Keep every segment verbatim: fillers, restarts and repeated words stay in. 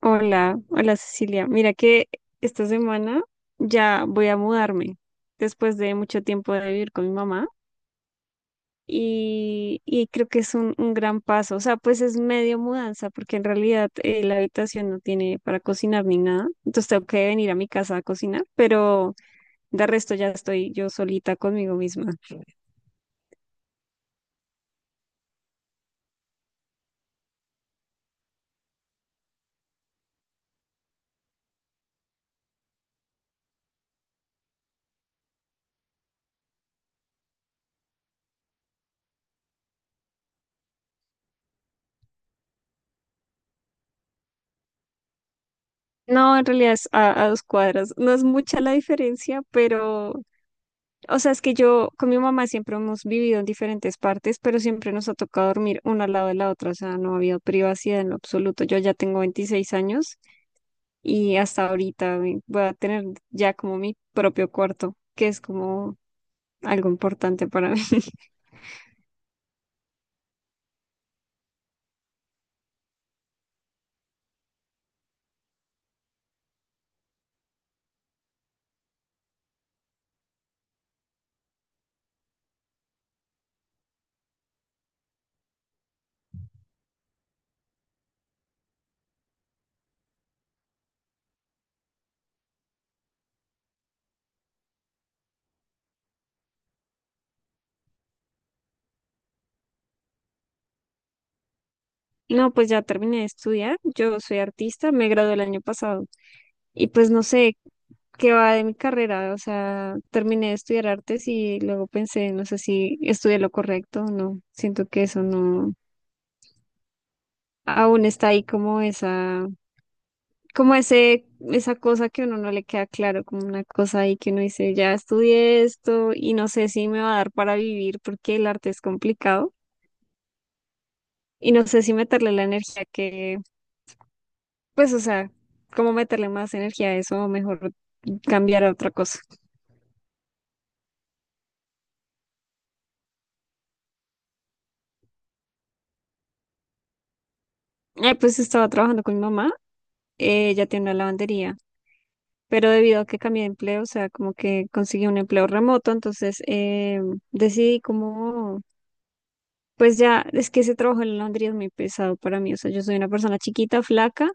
Hola, hola, Cecilia. Mira que esta semana ya voy a mudarme después de mucho tiempo de vivir con mi mamá y, y creo que es un, un gran paso. O sea, pues es medio mudanza porque en realidad eh, la habitación no tiene para cocinar ni nada. Entonces tengo que venir a mi casa a cocinar, pero de resto ya estoy yo solita conmigo misma. No, en realidad es a, a dos cuadras. No es mucha la diferencia, pero, o sea, es que yo con mi mamá siempre hemos vivido en diferentes partes, pero siempre nos ha tocado dormir una al lado de la otra, o sea, no ha habido privacidad en lo absoluto. Yo ya tengo veintiséis años y hasta ahorita eh, voy a tener ya como mi propio cuarto, que es como algo importante para mí. No, pues ya terminé de estudiar. Yo soy artista, me gradué el año pasado y pues no sé qué va de mi carrera. O sea, terminé de estudiar artes y luego pensé, no sé si estudié lo correcto o no. Siento que eso no, aún está ahí como esa, como ese, esa cosa que a uno no le queda claro, como una cosa ahí que uno dice, ya estudié esto y no sé si me va a dar para vivir porque el arte es complicado y no sé si meterle la energía que. Pues, o sea, ¿cómo meterle más energía a eso? Mejor cambiar a otra cosa. Eh, pues estaba trabajando con mi mamá, eh, ella tiene una lavandería, pero debido a que cambié de empleo, o sea, como que conseguí un empleo remoto, entonces eh, decidí como, pues ya, es que ese trabajo en la lavandería es muy pesado para mí, o sea, yo soy una persona chiquita, flaca,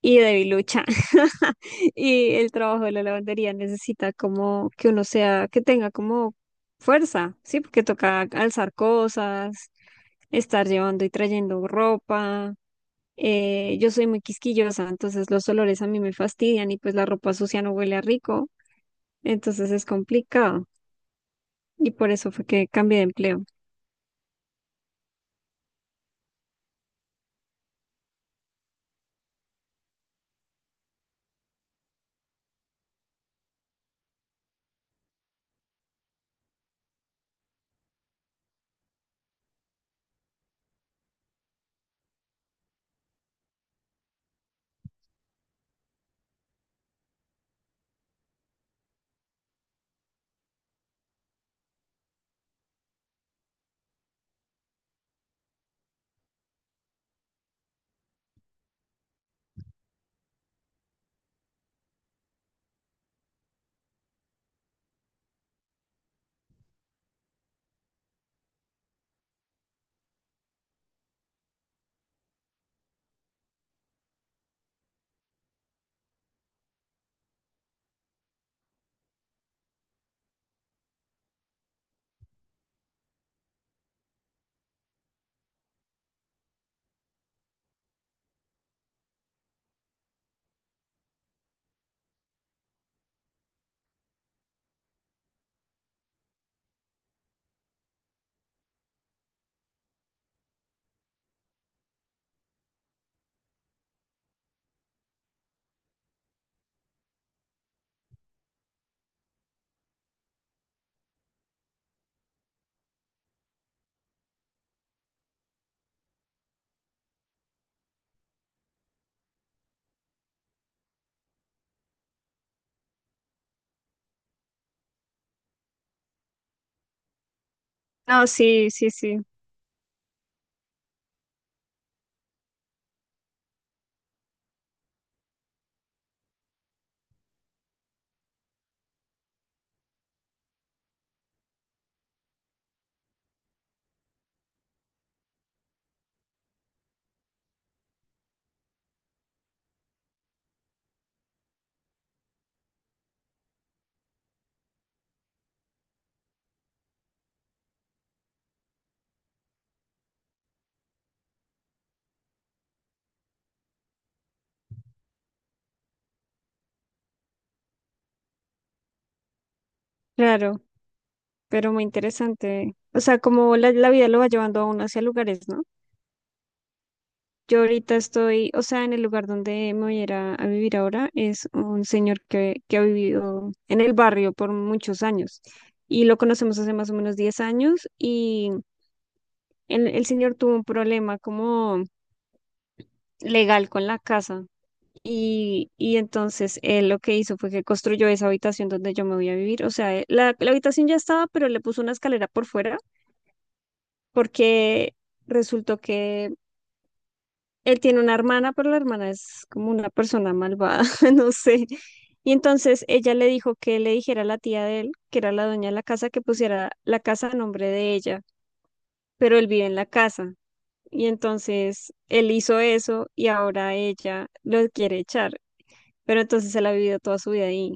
y debilucha. Y el trabajo de la lavandería necesita como que uno sea, que tenga como fuerza, ¿sí? Porque toca alzar cosas, estar llevando y trayendo ropa. Eh, yo soy muy quisquillosa, entonces los olores a mí me fastidian y pues la ropa sucia no huele a rico, entonces es complicado. Y por eso fue que cambié de empleo. No, sí, sí, sí, claro, pero muy interesante. O sea, como la, la vida lo va llevando a uno hacia lugares, ¿no? Yo ahorita estoy, o sea, en el lugar donde me voy a ir a, a vivir ahora es un señor que, que ha vivido en el barrio por muchos años y lo conocemos hace más o menos diez años y el, el señor tuvo un problema como legal con la casa y, y entonces él lo que hizo fue que construyó esa habitación donde yo me voy a vivir, o sea, eh, la, la habitación ya estaba, pero le puso una escalera por fuera porque resultó que él tiene una hermana, pero la hermana es como una persona malvada, no sé. Y entonces ella le dijo que le dijera a la tía de él, que era la dueña de la casa, que pusiera la casa a nombre de ella, pero él vive en la casa. Y entonces él hizo eso y ahora ella lo quiere echar, pero entonces él ha vivido toda su vida ahí.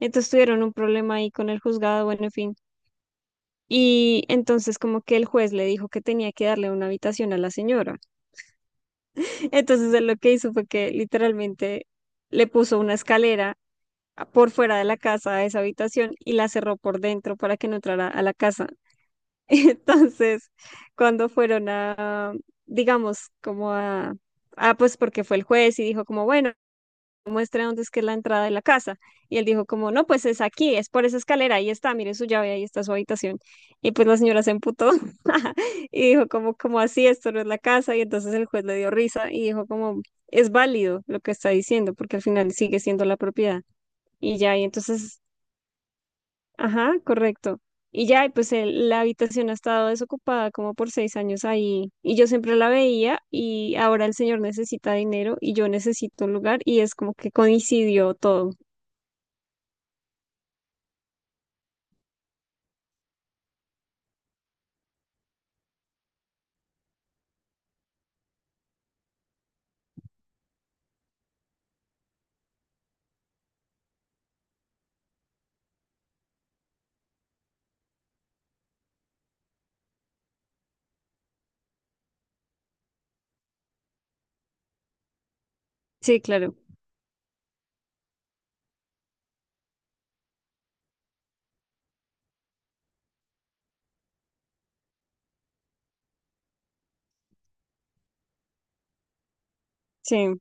Entonces tuvieron un problema ahí con el juzgado, bueno, en fin. Y entonces como que el juez le dijo que tenía que darle una habitación a la señora. Entonces él lo que hizo fue que literalmente le puso una escalera a- por fuera de la casa a esa habitación y la cerró por dentro para que no entrara a la casa. Entonces, cuando fueron a, digamos, como a, ah, pues porque fue el juez y dijo como, bueno, muestre dónde es que es la entrada de la casa. Y él dijo como, no, pues es aquí, es por esa escalera, ahí está, mire su llave, ahí está su habitación. Y pues la señora se emputó y dijo como, como así, esto no es la casa. Y entonces el juez le dio risa y dijo como, es válido lo que está diciendo, porque al final sigue siendo la propiedad. Y ya, y entonces, ajá, correcto. Y ya, y pues el- la habitación ha estado desocupada como por seis años ahí y yo siempre la veía y ahora el señor necesita dinero y yo necesito un lugar y es como que coincidió todo. Sí, claro, sí,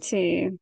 sí,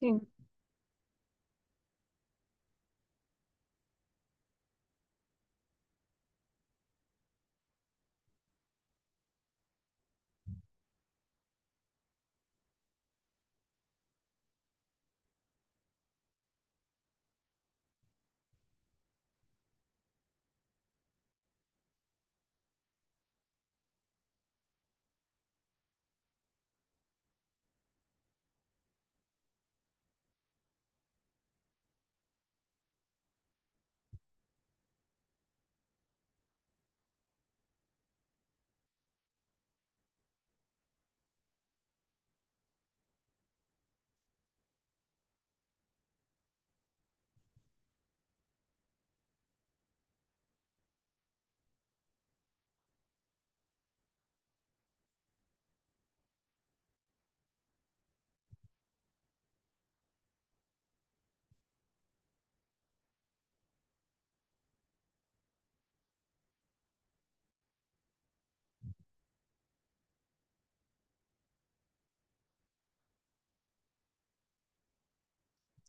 sí,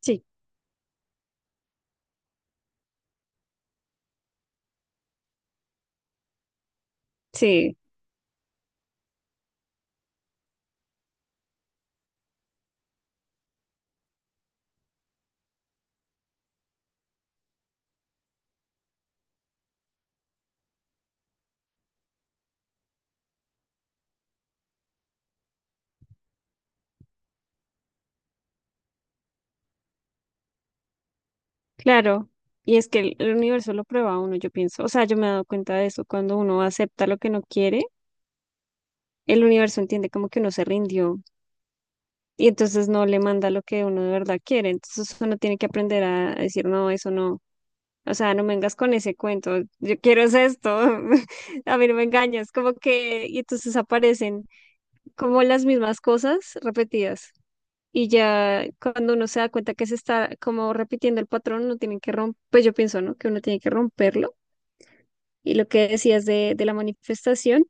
sí, sí, claro. Y es que el, el universo lo prueba a uno, yo pienso. O sea, yo me he dado cuenta de eso. Cuando uno acepta lo que no quiere, el universo entiende como que uno se rindió y entonces no le manda lo que uno de verdad quiere. Entonces uno tiene que aprender a, a decir, no, eso no. O sea, no me vengas con ese cuento. Yo quiero es esto. A mí no me engañas. Como que, y entonces aparecen como las mismas cosas repetidas. Y ya cuando uno se da cuenta que se está como repitiendo el patrón, uno tiene que romper, pues yo pienso, ¿no? Que uno tiene que romperlo. Y lo que decías de, de la manifestación,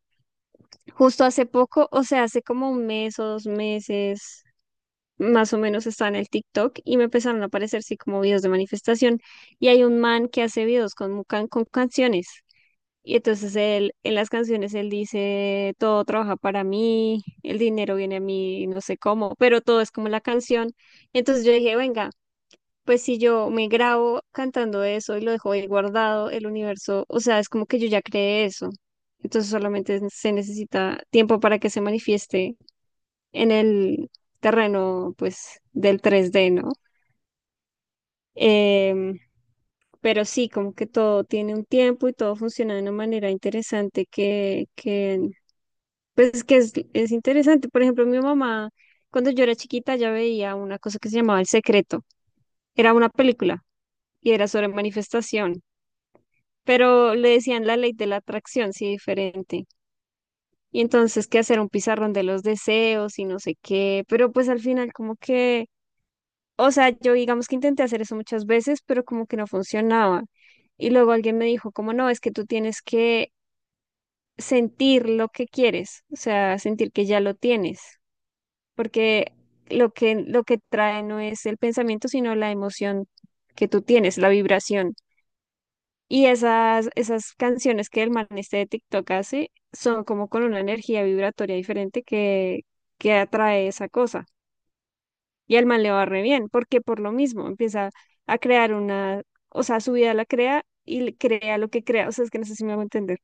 justo hace poco, o sea, hace como un mes o dos meses, más o menos estaba en el TikTok y me empezaron a aparecer, sí, como videos de manifestación. Y hay un man que hace videos con, mu- can- con canciones. Y entonces él, en las canciones, él dice, todo trabaja para mí, el dinero viene a mí, no sé cómo, pero todo es como la canción. Entonces yo dije, venga, pues si yo me grabo cantando eso y lo dejo ahí guardado, el universo, o sea, es como que yo ya creé eso. Entonces solamente es- se necesita tiempo para que se manifieste en el terreno, pues, del tres d, ¿no? Em, pero sí, como que todo tiene un tiempo y todo funciona de una manera interesante que, que pues, que es, es interesante. Por ejemplo, mi mamá, cuando yo era chiquita, ya veía una cosa que se llamaba El Secreto. Era una película y era sobre manifestación, pero le decían la ley de la atracción, sí, diferente. Y entonces qué hacer un pizarrón de los deseos y no sé qué, pero pues al final como que, o sea, yo digamos que intenté hacer eso muchas veces, pero como que no funcionaba. Y luego alguien me dijo, como no, es que tú tienes que sentir lo que quieres, o sea, sentir que ya lo tienes, porque lo que lo que trae no es el pensamiento, sino la emoción que tú tienes, la vibración. Y esas, esas canciones que el man este de TikTok hace son como con una energía vibratoria diferente que, que atrae esa cosa. Y al man le va re bien, porque por lo mismo empieza a crear una, o sea, su vida la crea y le- crea lo que crea. O sea, es que no sé si me hago entender.